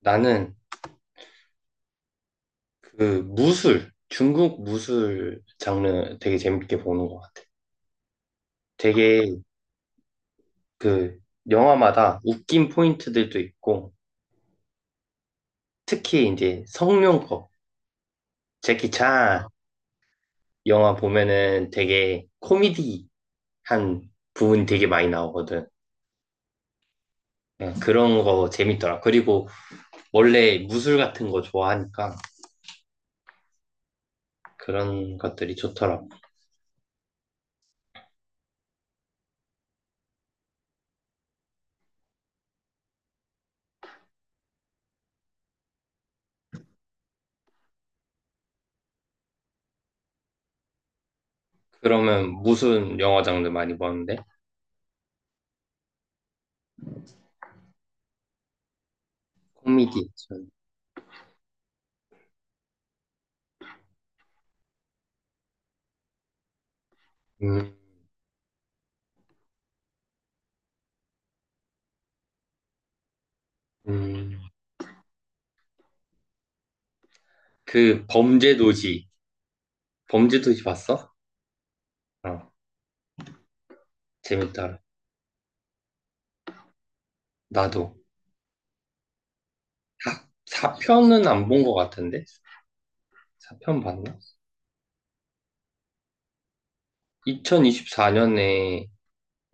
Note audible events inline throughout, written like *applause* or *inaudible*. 나는 그 무술, 중국 무술 장르 되게 재밌게 보는 것 같아. 되게 그 영화마다 웃긴 포인트들도 있고, 특히 이제 성룡법, 제키 찬 영화 보면은 되게 코미디한 부분이 되게 많이 나오거든. 예, 그런 거 재밌더라. 그리고 원래 무술 같은 거 좋아하니까 그런 것들이 좋더라. 그러면 무슨 영화 장르 많이 보는데? 코미디. 액션. 음, 음. 그 범죄도시 범죄도시 봤어? 어, 재밌다. 나도 사 4편은 안 본 것 같은데 4편 봤나? 2024년에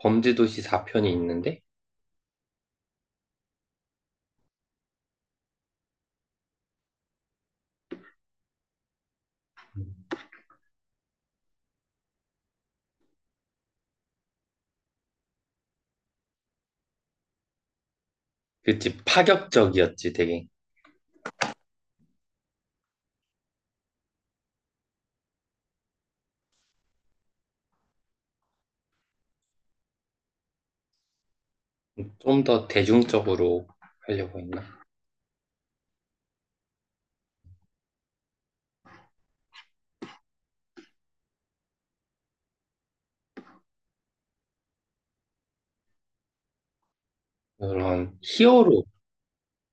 범죄도시 4편이 있는데. 음. 그치, 파격적이었지 되게. 좀 더 대중적으로 하려고 했나? 그런 히어로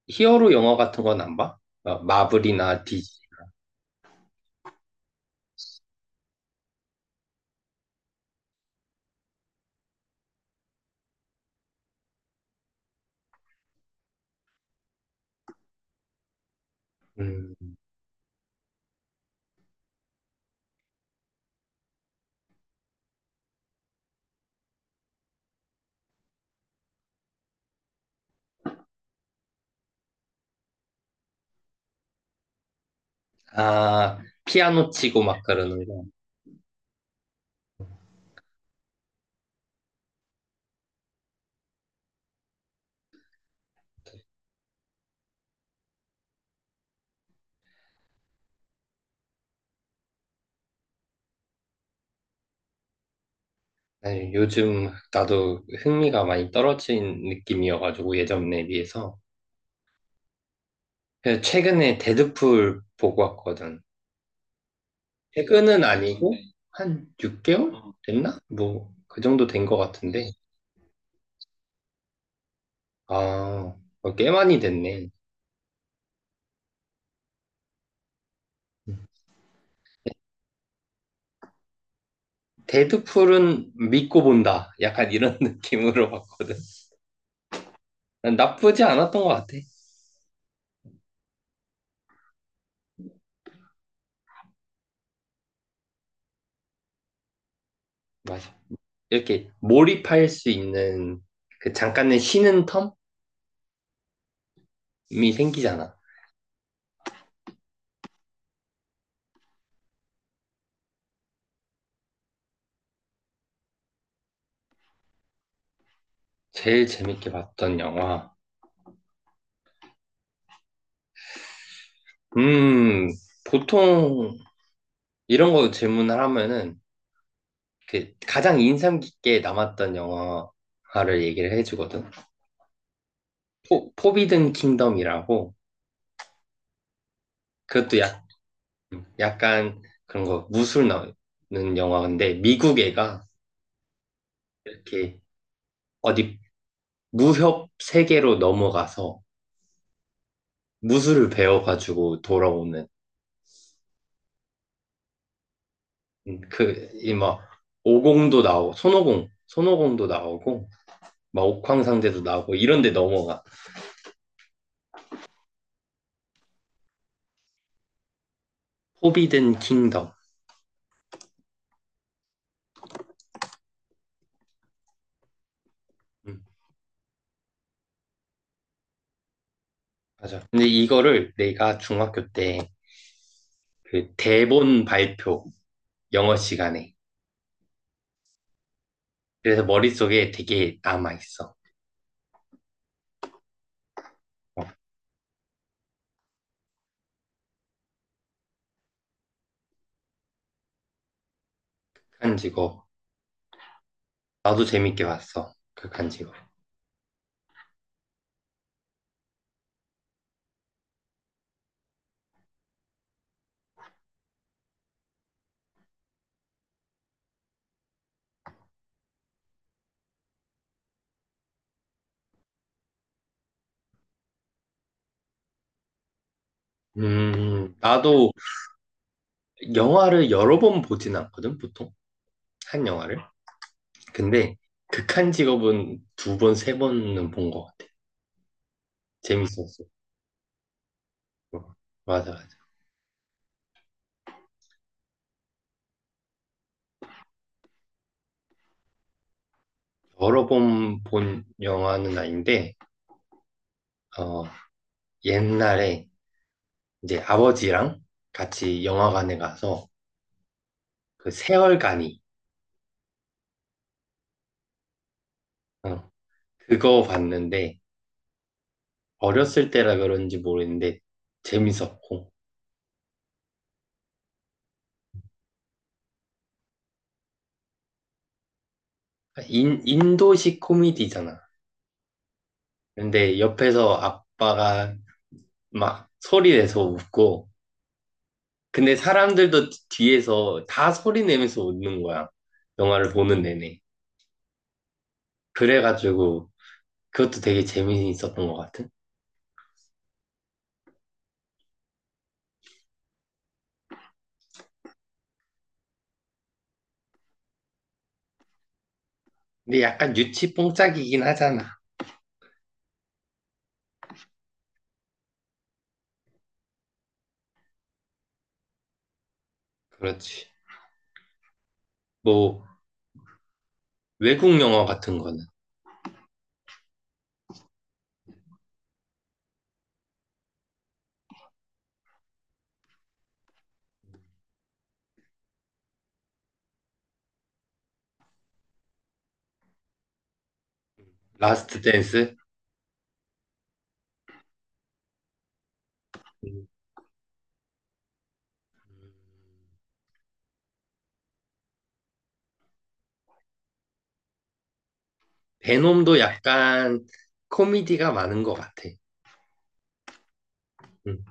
히어로 영화 같은 건 안 봐? 어, 마블이나 디지. 음. 아, 피아노 치고 막 그러는 거. 네, 요즘 나도 흥미가 많이 떨어진 느낌이어가지고 예전에 비해서. 그래서 최근에 데드풀 보고 왔거든. 최근은 아니고 네. 한 6개월 어, 됐나? 뭐 그 정도 된 것 같은데. 아, 어, 꽤 많이 됐네. 데드풀은 믿고 본다, 약간 이런 *laughs* 느낌으로 봤거든. 난 나쁘지 않았던 것 같아. 맞아. 이렇게 몰입할 수 있는 그 잠깐의 쉬는 텀이 생기잖아. 제일 재밌게 봤던 영화. 음, 보통 이런 거 질문을 하면은 그 가장 인상 깊게 남았던 영화를 얘기를 해주거든. 포비든 킹덤이라고. 그것도 약간 그런 거 무술 나오는 영화인데, 미국 애가 이렇게 어디 무협 세계로 넘어가서 무술을 배워가지고 돌아오는. 그, 이막 오공도 나오고, 손오공도 나오고, 막 옥황상제도 나오고 이런 데 넘어가. 포비든 킹덤. 음, 맞아. 근데 이거를 내가 중학교 때 그 대본 발표 영어 시간에. 그래서 머릿속에 되게 남아있어. 어, 극한직업. 나도 재밌게 봤어, 극한직업. 나도 영화를 여러 번 보진 않거든, 보통. 한 영화를. 근데 극한직업은 두 번, 세 번은 본 것 같아. 재밌었어. 어, 맞아, 맞아. 여러 번 본 영화는 아닌데, 어, 옛날에 이제 아버지랑 같이 영화관에 가서 그 세월간이, 어, 그거 봤는데 어렸을 때라 그런지 모르겠는데 재밌었고. 그러니까 인도식 코미디잖아. 근데 옆에서 아빠가 막 소리 내서 웃고, 근데 사람들도 뒤에서 다 소리 내면서 웃는 거야, 영화를 보는 내내. 그래가지고 그것도 되게 재미있었던 것 같은. 근데 약간 유치 뽕짝이긴 하잖아. 그렇지. 뭐 외국 영화 같은 거는. 라스트 댄스? 음, 베놈도 약간 코미디가 많은 것 같아. 음,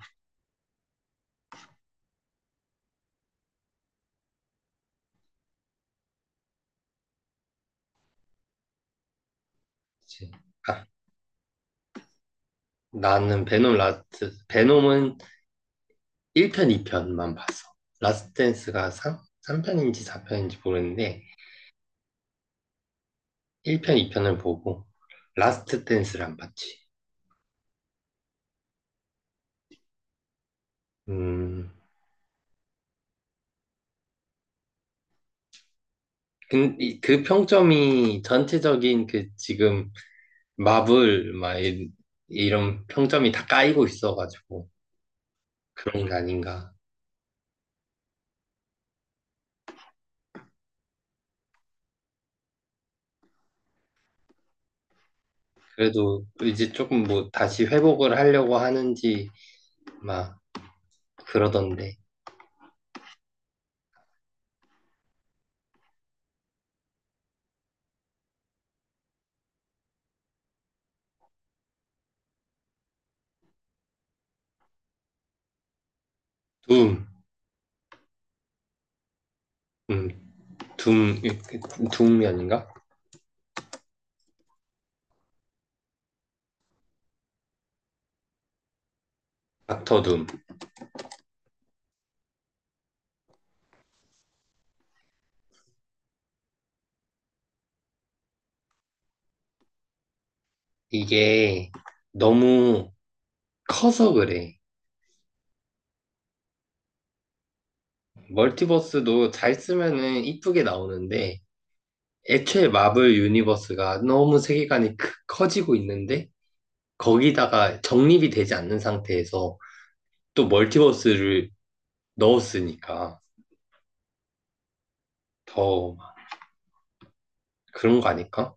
그치. 아, 나는 베놈 라스트, 베놈은 1편, 2편만 봤어. 라스트 댄스가 3, 삼편인지 4편인지 모르는데, 1편, 2편을 보고, 라스트 댄스를 안 봤지. 음, 그 평점이 전체적인 그 지금 마블, 막 이런 평점이 다 까이고 있어가지고, 그런 게 아닌가. 그래도 이제 조금 뭐 다시 회복을 하려고 하는지 막 그러던데. 둠, 음, 둠, 둠이 아닌가? 닥터 둠. 이게 너무 커서 그래. 멀티버스도 잘 쓰면은 이쁘게 나오는데 애초에 마블 유니버스가 너무 세계관이 커지고 있는데, 거기다가 정립이 되지 않는 상태에서 또 멀티버스를 넣었으니까 더막 그런 거 아닐까?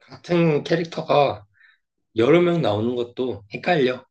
같은 캐릭터가 여러 명 나오는 것도 헷갈려.